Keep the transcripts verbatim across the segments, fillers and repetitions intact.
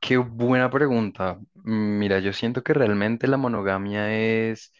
Qué buena pregunta. Mira, yo siento que realmente la monogamia es,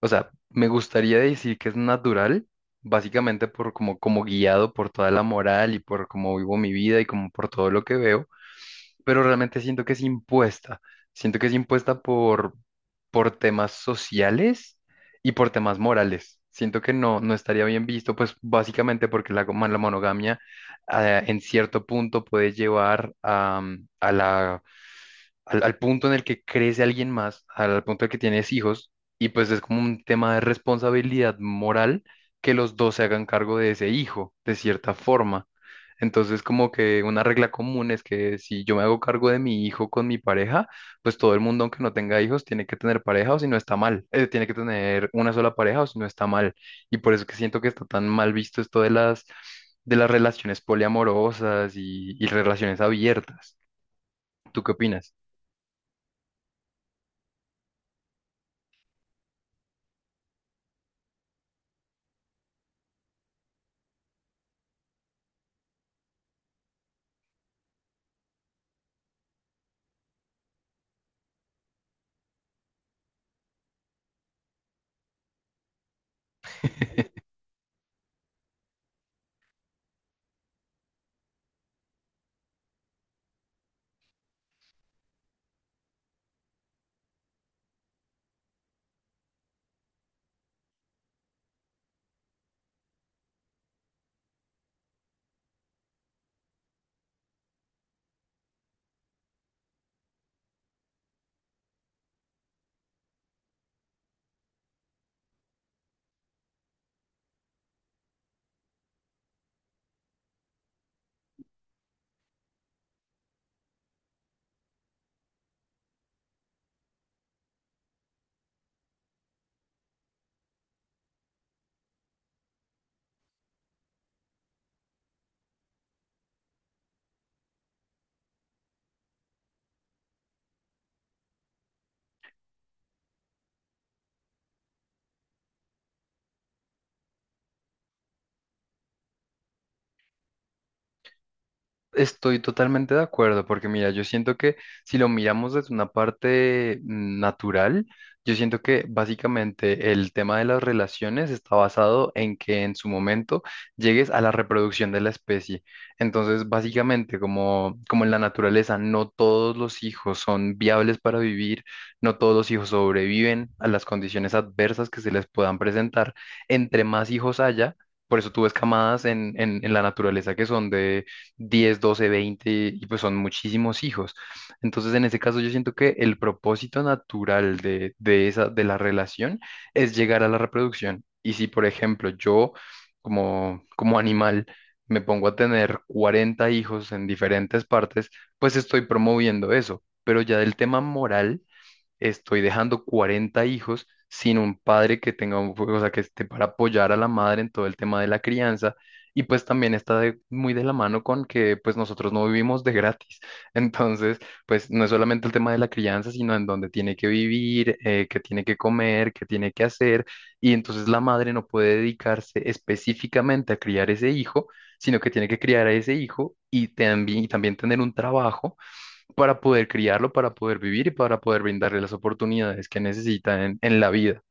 o sea, me gustaría decir que es natural, básicamente por como, como guiado por toda la moral y por cómo vivo mi vida y como por todo lo que veo, pero realmente siento que es impuesta. Siento que es impuesta por, por temas sociales y por temas morales. Siento que no, no estaría bien visto, pues básicamente porque la, la monogamia eh, en cierto punto puede llevar a, a la al, al, punto en el que crece alguien más, al punto en el que tienes hijos, y pues es como un tema de responsabilidad moral que los dos se hagan cargo de ese hijo, de cierta forma. Entonces, como que una regla común es que si yo me hago cargo de mi hijo con mi pareja, pues todo el mundo, aunque no tenga hijos, tiene que tener pareja o si no está mal. Eh, tiene que tener una sola pareja o si no está mal. Y por eso que siento que está tan mal visto esto de las, de las relaciones poliamorosas y, y relaciones abiertas. ¿Tú qué opinas? Estoy totalmente de acuerdo, porque mira, yo siento que si lo miramos desde una parte mm, natural, yo siento que básicamente el tema de las relaciones está basado en que en su momento llegues a la reproducción de la especie. Entonces, básicamente, como, como en la naturaleza, no todos los hijos son viables para vivir, no todos los hijos sobreviven a las condiciones adversas que se les puedan presentar. Entre más hijos haya, por eso tú ves camadas en, en en la naturaleza que son de diez doce veinte y pues son muchísimos hijos. Entonces, en ese caso, yo siento que el propósito natural de, de esa, de la relación es llegar a la reproducción. Y si, por ejemplo, yo como, como animal me pongo a tener cuarenta hijos en diferentes partes, pues estoy promoviendo eso. Pero ya del tema moral estoy dejando cuarenta hijos sin un padre que tenga un, o sea, que esté para apoyar a la madre en todo el tema de la crianza. Y pues también está de- muy de la mano con que pues nosotros no vivimos de gratis. Entonces, pues no es solamente el tema de la crianza, sino en dónde tiene que vivir, eh, qué tiene que comer, qué tiene que hacer. Y entonces la madre no puede dedicarse específicamente a criar ese hijo, sino que tiene que criar a ese hijo y también, y también tener un trabajo para poder criarlo, para poder vivir y para poder brindarle las oportunidades que necesita en, en la vida.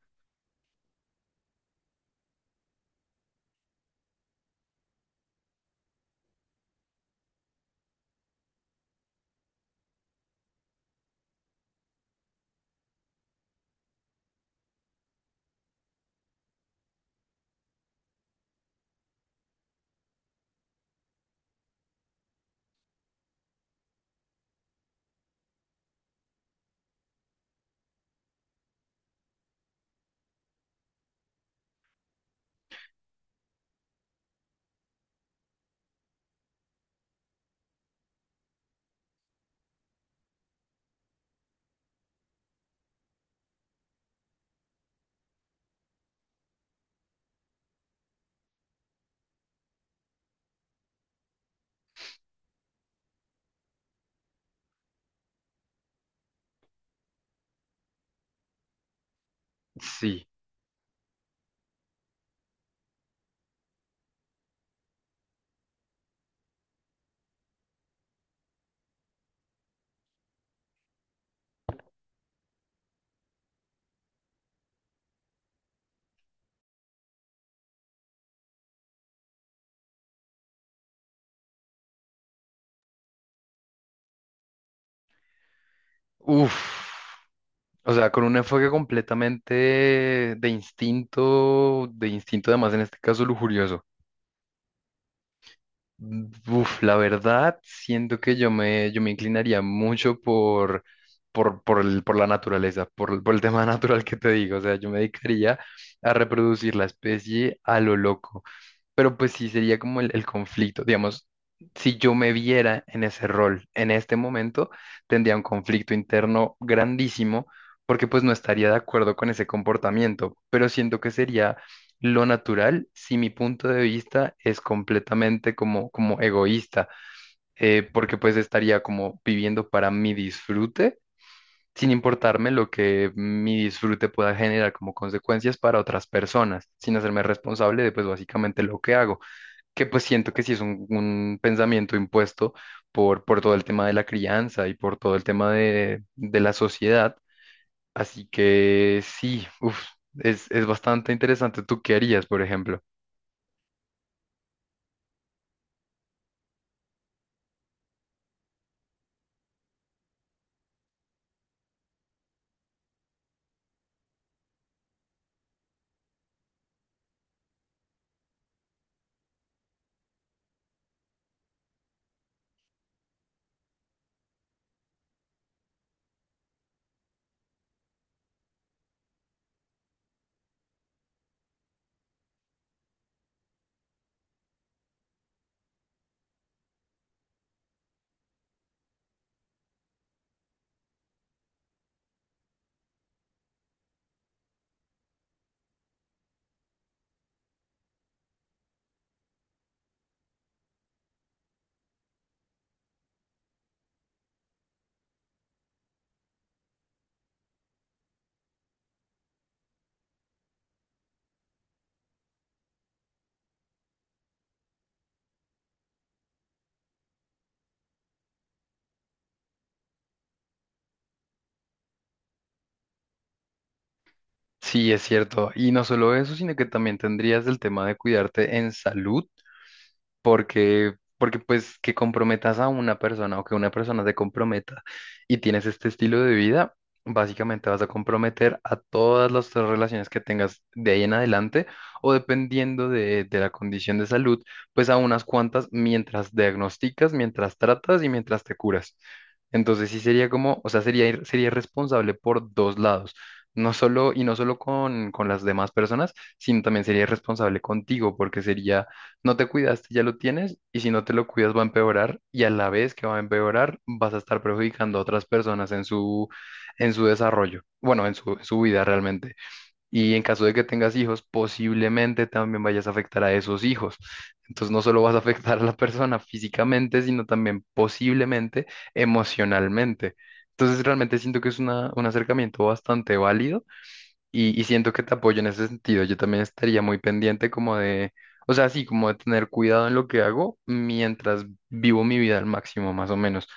Sí. Uf. O sea, con un enfoque completamente de instinto, de instinto además en este caso lujurioso. Uf, la verdad, siento que yo me, yo me inclinaría mucho por, por, por el- por la naturaleza, por, el- por el tema natural que te digo. O sea, yo me dedicaría a reproducir la especie a lo loco. Pero pues sí, sería como el, el conflicto. Digamos, si yo me viera en ese rol en este momento, tendría un conflicto interno grandísimo porque pues no estaría de acuerdo con ese comportamiento. Pero siento que sería lo natural si mi punto de vista es completamente como, como egoísta, eh, porque pues estaría como viviendo para mi disfrute. Sin importarme lo que mi disfrute pueda generar como consecuencias para otras personas, sin hacerme responsable de pues básicamente lo que hago que pues siento que sí es un, un pensamiento impuesto por, por todo el tema de la crianza y por todo el tema de, de la sociedad. Así que sí, uf, es, es bastante interesante. ¿Tú qué harías, por ejemplo? Sí, es cierto. Y no solo eso, sino que también tendrías el tema de cuidarte en salud porque, porque pues que comprometas a una persona o que una persona se comprometa y tienes este estilo de vida, básicamente vas a comprometer a todas las otras relaciones que tengas de ahí en adelante o dependiendo de, de la condición de salud, pues a unas cuantas mientras diagnosticas, mientras tratas y mientras te curas. Entonces sí sería como, o sea, sería, ir- sería irresponsable por dos lados. No solo, y no solo con, con las demás personas, sino también sería irresponsable contigo, porque sería no te cuidaste, ya lo tienes, y si no te lo cuidas va a empeorar, y a la vez que va a empeorar, vas a estar perjudicando a otras personas en su, en su desarrollo, bueno, en su, en su vida realmente. Y en caso de que tengas hijos, posiblemente también vayas a afectar a esos hijos. Entonces no solo vas a afectar a la persona físicamente, sino también posiblemente emocionalmente. Entonces realmente siento que es una- un acercamiento bastante válido y, y siento que te apoyo en ese sentido. Yo también estaría muy pendiente como de, o sea, sí, como de tener cuidado en lo que hago mientras vivo mi vida al máximo, más o menos.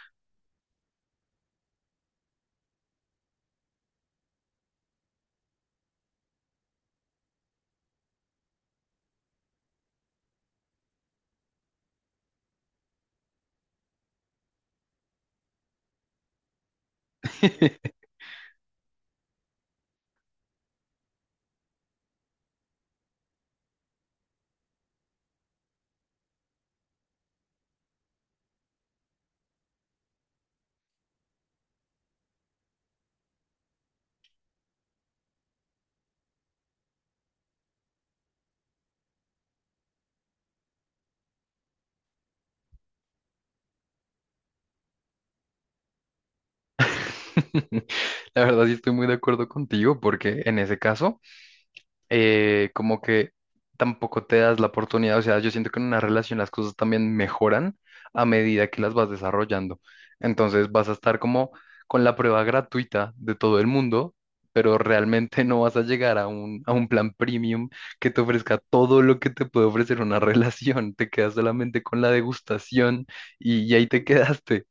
La verdad sí estoy muy de acuerdo contigo porque en ese caso... eh, como que tampoco te das la oportunidad, o sea, yo siento que en una relación las cosas también mejoran a medida que las vas desarrollando. Entonces vas a estar como con la prueba gratuita de todo el mundo, pero realmente no vas a llegar a un, a un plan premium que te ofrezca todo lo que te puede ofrecer una relación. Te quedas solamente con la degustación y, y ahí te quedaste.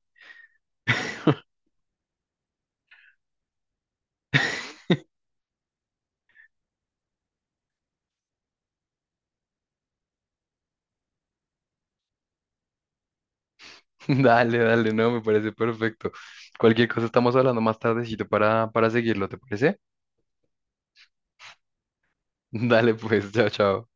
Dale, dale, no, me parece perfecto. Cualquier cosa estamos hablando más tardecito para, para seguirlo, ¿te parece? Dale pues, chao, chao.